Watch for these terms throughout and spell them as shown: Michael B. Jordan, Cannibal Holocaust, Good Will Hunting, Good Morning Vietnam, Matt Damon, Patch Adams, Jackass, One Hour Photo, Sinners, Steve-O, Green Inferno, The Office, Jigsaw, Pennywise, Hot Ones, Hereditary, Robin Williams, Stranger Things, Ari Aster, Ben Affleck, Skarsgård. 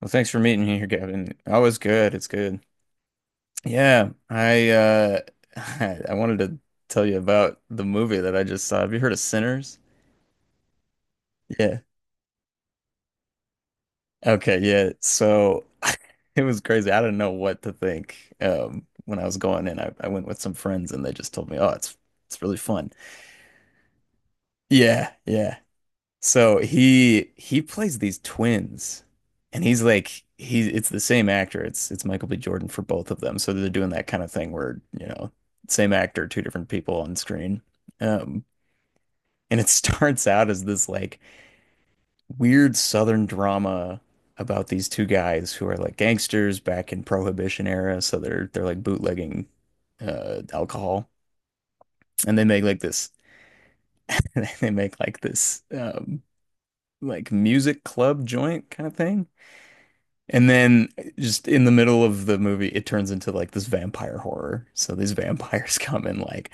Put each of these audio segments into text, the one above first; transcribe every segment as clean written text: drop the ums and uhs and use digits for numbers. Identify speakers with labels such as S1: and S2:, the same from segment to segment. S1: Well, thanks for meeting here, Gavin. Oh, it's good. It's good. Yeah, I I wanted to tell you about the movie that I just saw. Have you heard of Sinners? Yeah. Okay, yeah. So it was crazy. I didn't know what to think. When I was going in, I went with some friends and they just told me, "Oh, it's really fun." Yeah, yeah. So he plays these twins, and he's like he it's the same actor. It's Michael B. Jordan for both of them. So they're doing that kind of thing where, you know, same actor, two different people on screen. Um, and it starts out as this like weird Southern drama about these two guys who are like gangsters back in Prohibition era. So they're like bootlegging alcohol. And they make like this they make like this like music club joint kind of thing. And then just in the middle of the movie, it turns into like this vampire horror. So these vampires come and like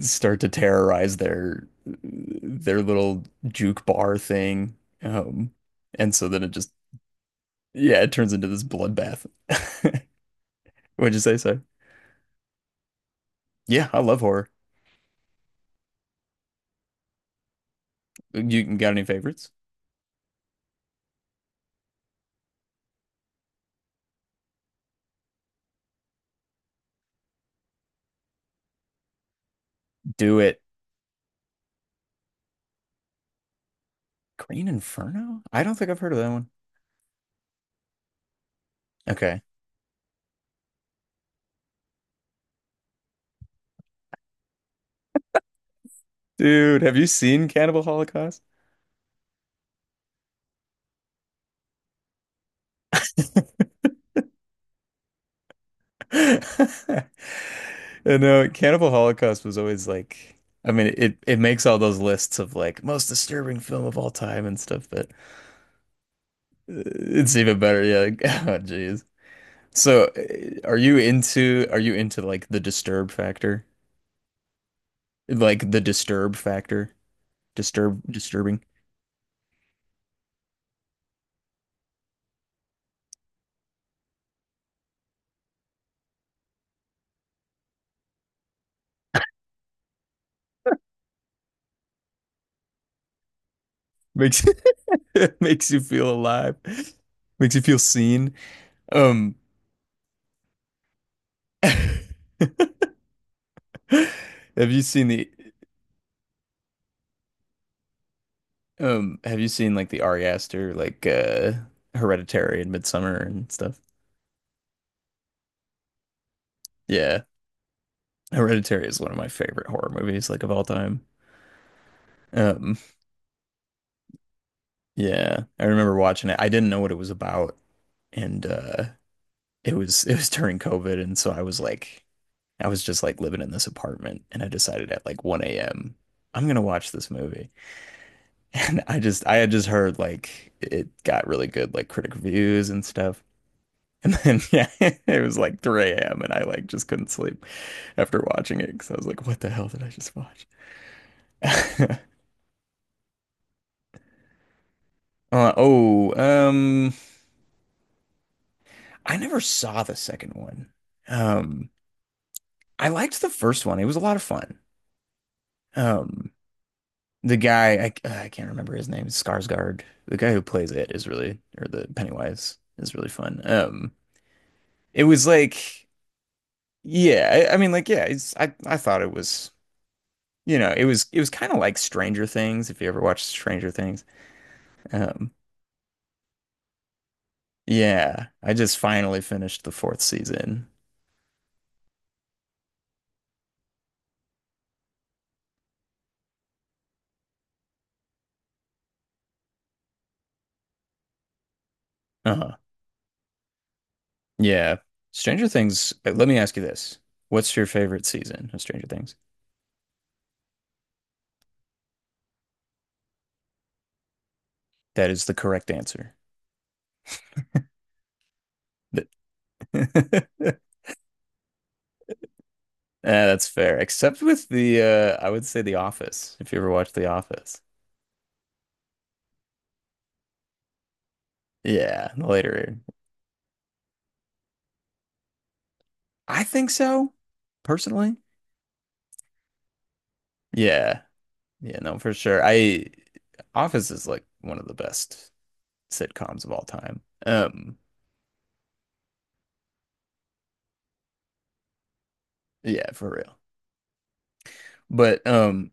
S1: start to terrorize their little juke bar thing. Um, and so then it just, yeah, it turns into this bloodbath. What'd you say, sir? Yeah, I love horror. You got any favorites? Do it. Green Inferno? I don't think I've heard of that one. Okay. Dude, have you seen Cannibal Holocaust? And no, Cannibal Holocaust was always like, I mean, it makes all those lists of like most disturbing film of all time and stuff, but it's even better. Yeah, like, oh, jeez. So, are you into like the disturb factor? Like the disturb factor? Disturbing makes makes you feel alive, makes you feel seen. Um, have you seen the? Have you seen like the Ari Aster, like Hereditary and Midsummer and stuff? Yeah. Hereditary is one of my favorite horror movies, like of all time. Um, yeah. I remember watching it. I didn't know what it was about, and it was during COVID, and so I was like I was just like living in this apartment and I decided at like 1 a.m. I'm gonna watch this movie. And I had just heard like it got really good like critic reviews and stuff. And then yeah, it was like 3 a.m. and I like just couldn't sleep after watching it because I was like, what the hell did I just watch? Uh, oh, um, I never saw the second one. Um, I liked the first one. It was a lot of fun. Um, the guy, I can't remember his name, Skarsgård. The guy who plays it is really, or the Pennywise is really fun. It was like, yeah, I mean, like, yeah, I thought it was. It was kind of like Stranger Things, if you ever watched Stranger Things. Um, yeah, I just finally finished the fourth season. Uh-huh. Yeah. Stranger Things, let me ask you this. What's your favorite season of Stranger Things? That is the correct answer. Th- Yeah, that's fair. Except with the I would say The Office, if you ever watched The Office. Yeah, the later. I think so, personally. Yeah. Yeah, no, for sure. I Office is like one of the best sitcoms of all time. Yeah, for real. But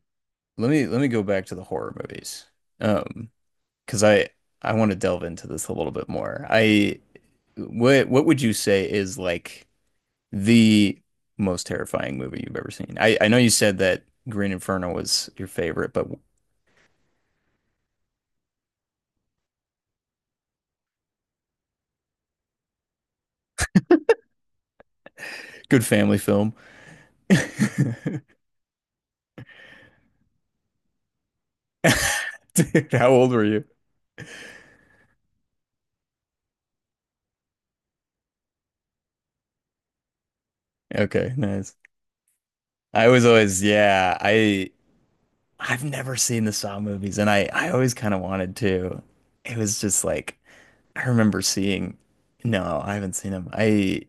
S1: let me go back to the horror movies. Um, because I want to delve into this a little bit more. I what would you say is like the most terrifying movie you've ever seen? I know you said that Green Inferno was your favorite, but good family film. Dude, how old were you? Okay, nice. I was always, yeah, I've never seen the Saw movies, and I always kind of wanted to. It was just like I remember seeing. No, I haven't seen him. I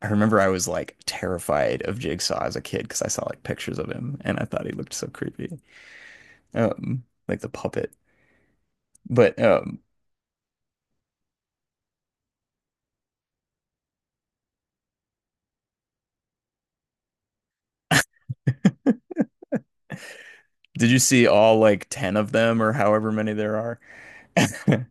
S1: I remember I was like terrified of Jigsaw as a kid because I saw like pictures of him and I thought he looked so creepy, like the puppet. But did you see all like ten of them or however many there are?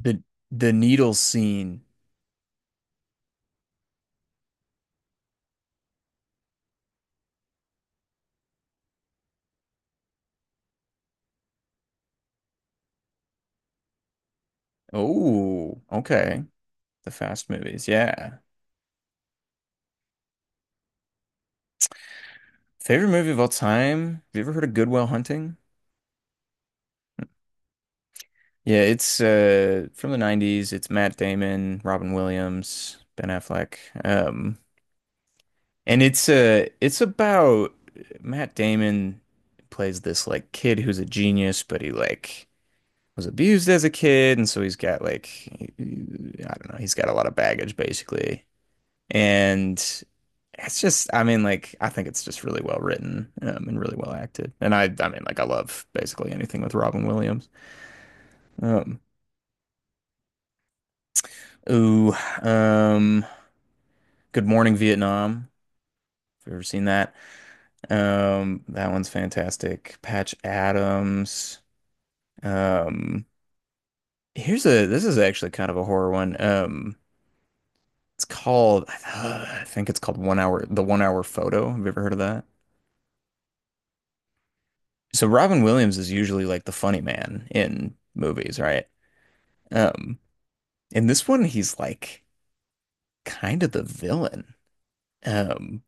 S1: The the needle scene. Oh, okay. The Fast movies, yeah. Favorite movie of all time? Have you ever heard of Good Will Hunting? Yeah, it's from the 90s. It's Matt Damon, Robin Williams, Ben Affleck. Um and it's about Matt Damon plays this like kid who's a genius, but he like was abused as a kid and so he's got like I don't know, he's got a lot of baggage basically. And it's just I mean like I think it's just really well written, and really well acted. And I mean like I love basically anything with Robin Williams. Um Ooh, um, Good Morning Vietnam. If you've ever seen that, that one's fantastic. Patch Adams. Um, here's a this is actually kind of a horror one. It's called I think it's called The One Hour Photo. Have you ever heard of that? So Robin Williams is usually like the funny man in movies, right? Um, in this one, he's like kind of the villain. Um,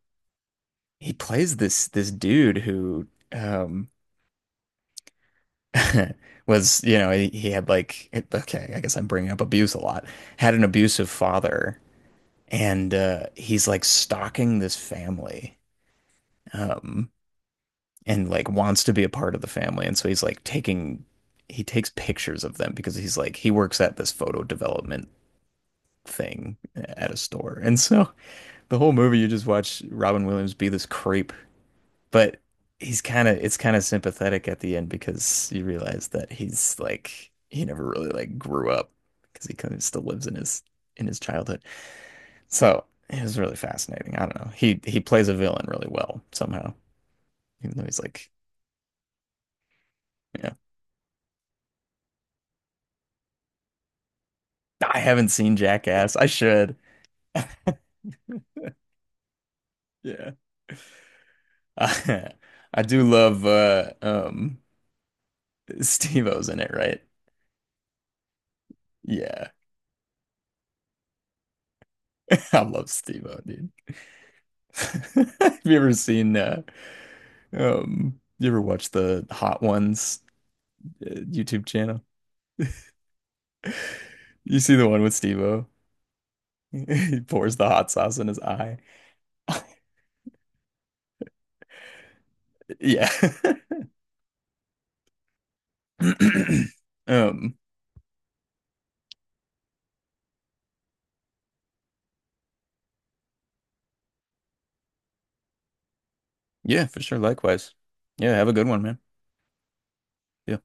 S1: he plays this dude who um was, he had like, okay, I guess I'm bringing up abuse a lot. Had an abusive father, and he's like stalking this family, um, and like wants to be a part of the family, and so he takes pictures of them because he works at this photo development thing at a store, and so the whole movie you just watch Robin Williams be this creep, but he's kind of it's kind of sympathetic at the end because you realize that he never really like grew up because he kind of still lives in his childhood. So it was really fascinating. I don't know. He plays a villain really well somehow, even though he's like, yeah, I haven't seen Jackass. I should. Yeah. Uh, I do love Steve-O's in it, right? Yeah. I love Steve-O, dude. Have you ever seen you ever watch the Hot Ones YouTube channel? You see the one with Steve-O? He pours the hot sauce in his eye. Yeah. Um, yeah, for sure. Likewise. Yeah, have a good one, man. See ya.